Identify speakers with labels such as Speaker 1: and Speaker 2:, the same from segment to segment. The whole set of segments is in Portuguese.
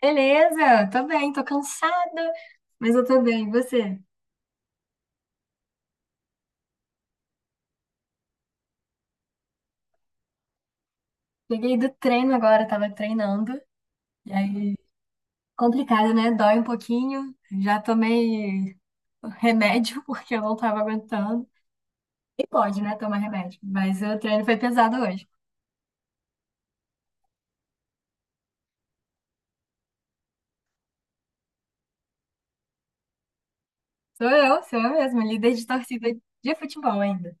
Speaker 1: Beleza, tô bem, tô cansada, mas eu tô bem. E você? Cheguei do treino agora, tava treinando. E aí, complicado, né? Dói um pouquinho. Já tomei remédio porque eu não tava aguentando. E pode, né? Tomar remédio. Mas o treino foi pesado hoje. Sou eu mesma, líder de torcida de futebol ainda.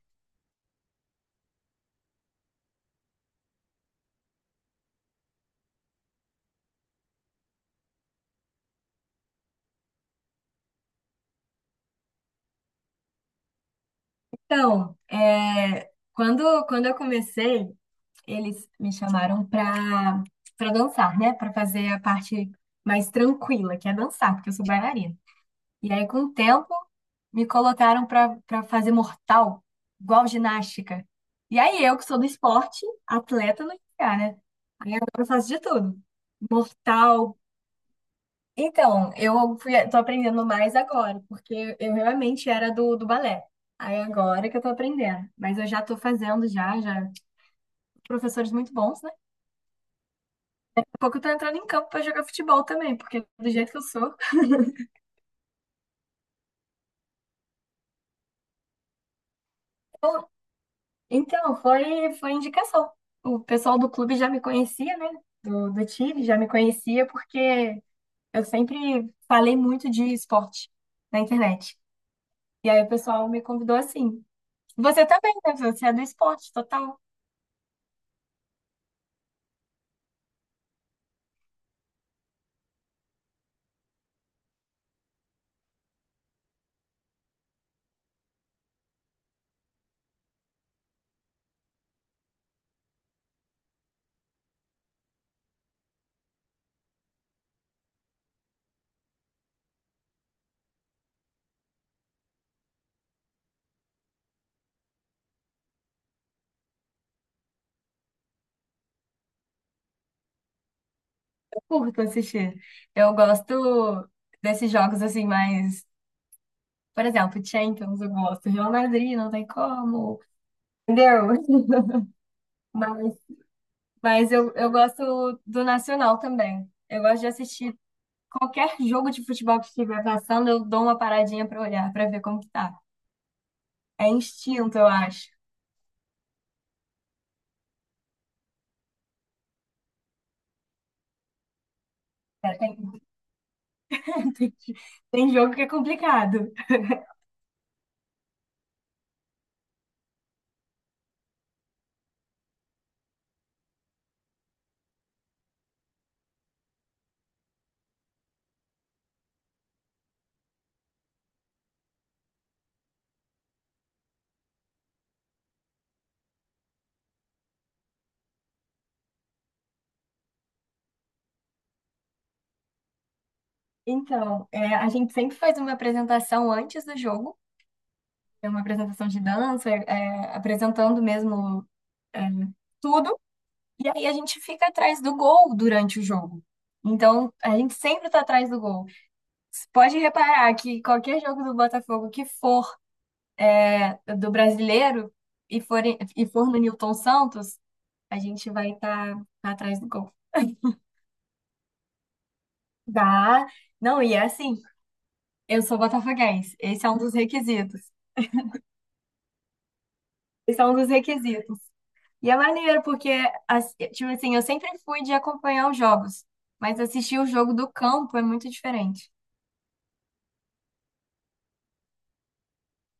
Speaker 1: Então, quando eu comecei. Eles me chamaram pra dançar, né? Pra fazer a parte mais tranquila, que é dançar, porque eu sou bailarina. E aí, com o tempo, me colocaram pra fazer mortal, igual ginástica. E aí, eu que sou do esporte, atleta não ia, né? Aí agora eu faço de tudo. Mortal. Então, eu fui, tô aprendendo mais agora, porque eu realmente era do balé. Aí agora que eu tô aprendendo. Mas eu já tô fazendo já, já. Professores muito bons, né? Pouco eu tô entrando em campo pra jogar futebol também, porque do jeito que eu sou. Bom, então, foi indicação. O pessoal do clube já me conhecia, né? Do time já me conhecia, porque eu sempre falei muito de esporte na internet. E aí o pessoal me convidou assim. Você também, né? Você é do esporte total. Eu curto assistir. Eu gosto desses jogos assim, mais. Por exemplo, Champions, eu gosto. Real Madrid, não tem como. Entendeu? Mas Mas eu gosto do Nacional também. Eu gosto de assistir qualquer jogo de futebol que estiver passando, eu dou uma paradinha pra olhar, pra ver como que tá. É instinto, eu acho. É, tem, tem, tem jogo que é complicado. Então, a gente sempre faz uma apresentação antes do jogo, é uma apresentação de dança, apresentando mesmo é, tudo, e aí a gente fica atrás do gol durante o jogo. Então, a gente sempre está atrás do gol. Pode reparar que qualquer jogo do Botafogo que for do brasileiro e for no Nilton Santos, a gente vai estar atrás do gol. Dá. Não, e é assim, eu sou botafoguense. Esse é um dos requisitos. Esse é um dos requisitos. E é maneiro, porque, as- tipo assim, eu sempre fui de acompanhar os jogos, mas assistir o jogo do campo é muito diferente.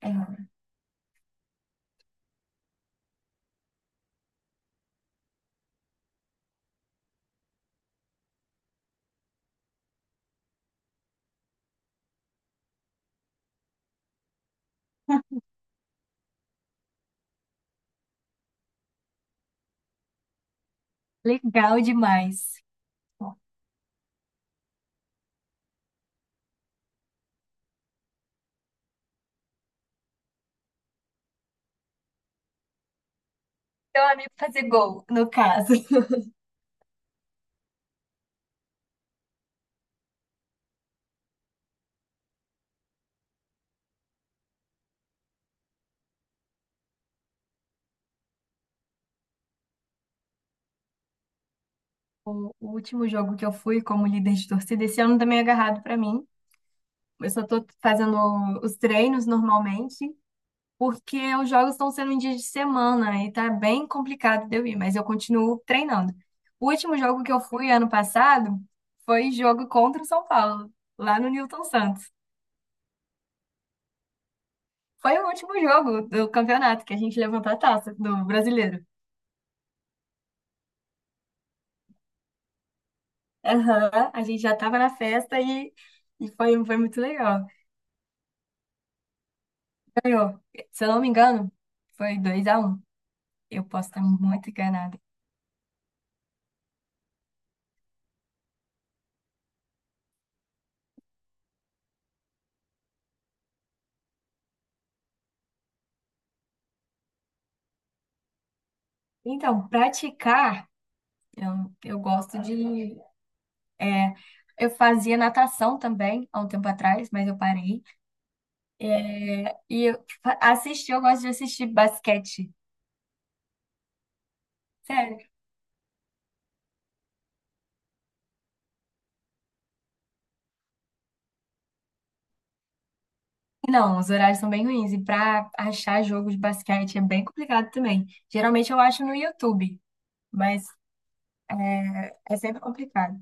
Speaker 1: É legal demais. Seu amigo fazer gol, no caso. O último jogo que eu fui como líder de torcida, esse ano também é agarrado para mim. Eu só tô fazendo os treinos normalmente, porque os jogos estão sendo em dia de semana e tá bem complicado de eu ir, mas eu continuo treinando. O último jogo que eu fui ano passado foi jogo contra o São Paulo, lá no Newton Santos. Foi o último jogo do campeonato que a gente levantou a taça do brasileiro. Aham, a gente já tava na festa e, foi muito legal. Ganhou, se eu não me engano, foi dois a um. Eu posso estar muito enganada. Então, praticar, eu gosto de. É, eu fazia natação também há um tempo atrás, mas eu parei. Assistir, eu gosto de assistir basquete. Sério. Não, os horários são bem ruins. E para achar jogo de basquete é bem complicado também. Geralmente eu acho no YouTube, mas é sempre complicado.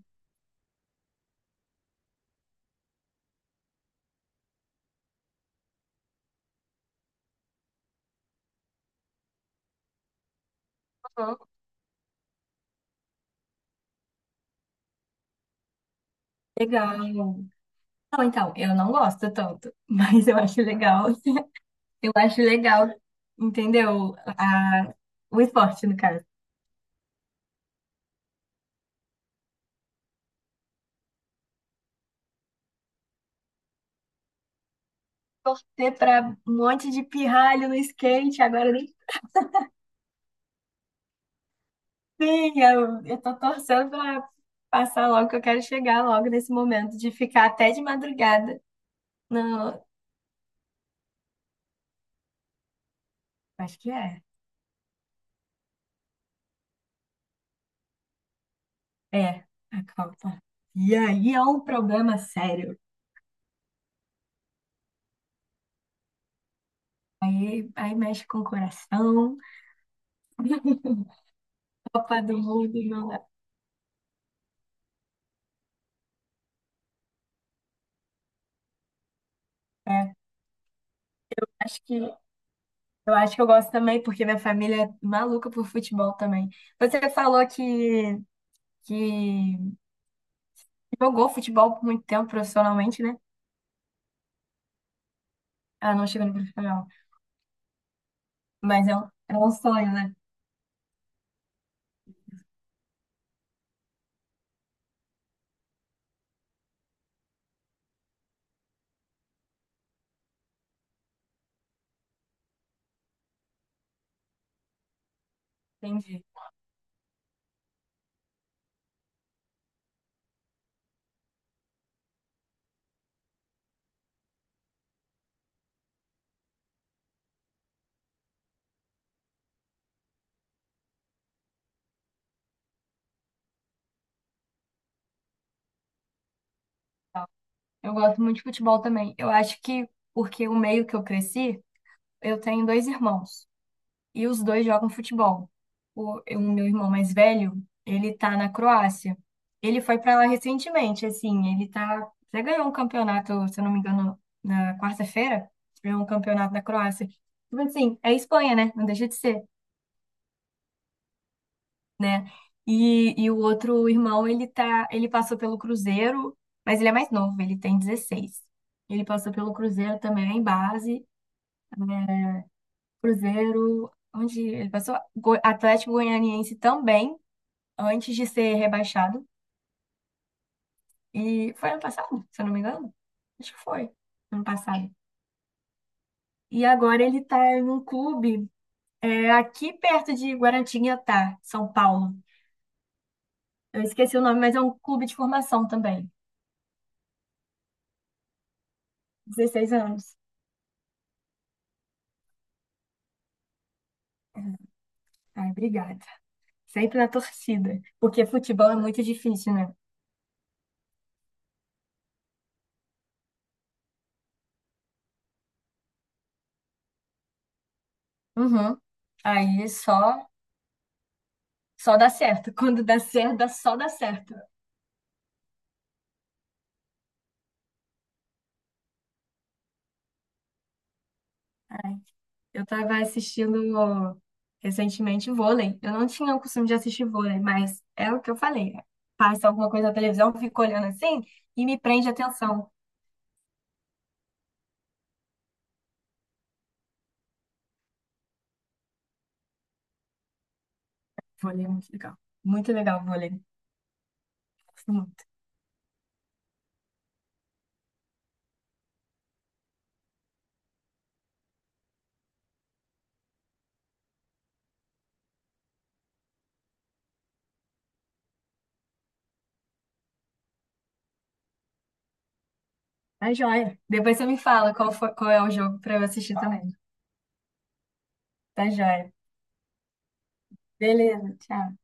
Speaker 1: Uhum. Legal. Não, então, eu não gosto tanto, mas eu acho legal. Eu acho legal, entendeu? O esporte, no caso. Ter pra um monte de pirralho no skate, agora nem tem. Eu tô torcendo pra passar logo, que eu quero chegar logo nesse momento de ficar até de madrugada. Não, acho que é. É, a Copa. E aí é um problema sério. Aí, aí mexe com o coração. Copa do Mundo não dá. É, acho que acho que eu gosto também, porque minha família é maluca por futebol também. Você falou que jogou futebol por muito tempo profissionalmente, né? Ah, não chegou no profissional. Mas é um sonho, né? Entendi. Eu gosto muito de futebol também. Eu acho que porque o meio que eu cresci, eu tenho dois irmãos. E os dois jogam futebol. O meu irmão mais velho, ele tá na Croácia. Ele foi para lá recentemente, assim, ele tá, já ganhou um campeonato, se eu não me engano, na quarta-feira, ganhou um campeonato na Croácia. Tipo assim, é Espanha, né? Não deixa de ser, né? E o outro irmão, ele tá, ele passou pelo Cruzeiro, mas ele é mais novo, ele tem 16. Ele passou pelo Cruzeiro também em base, Cruzeiro, onde ele passou, Go- Atlético Goianiense também antes de ser rebaixado. E foi ano passado, se eu não me engano? Acho que foi ano passado. E agora ele tá em um clube aqui perto de Guaratinguetá, São Paulo. Eu esqueci o nome, mas é um clube de formação também. 16 anos. Ai, obrigada. Sempre na torcida. Porque futebol é muito difícil, né? Uhum. Aí só, só dá certo. Quando dá certo, dá- só dá certo. Ai, eu estava assistindo recentemente vôlei. Eu não tinha o costume de assistir vôlei, mas é o que eu falei. Passa alguma coisa na televisão, eu fico olhando assim e me prende a atenção. Vôlei é muito legal. Muito legal, vôlei. Gosto muito. Tá joia. Depois você me fala qual foi- qual é o jogo para eu assistir também. Tá joia. Beleza, tchau.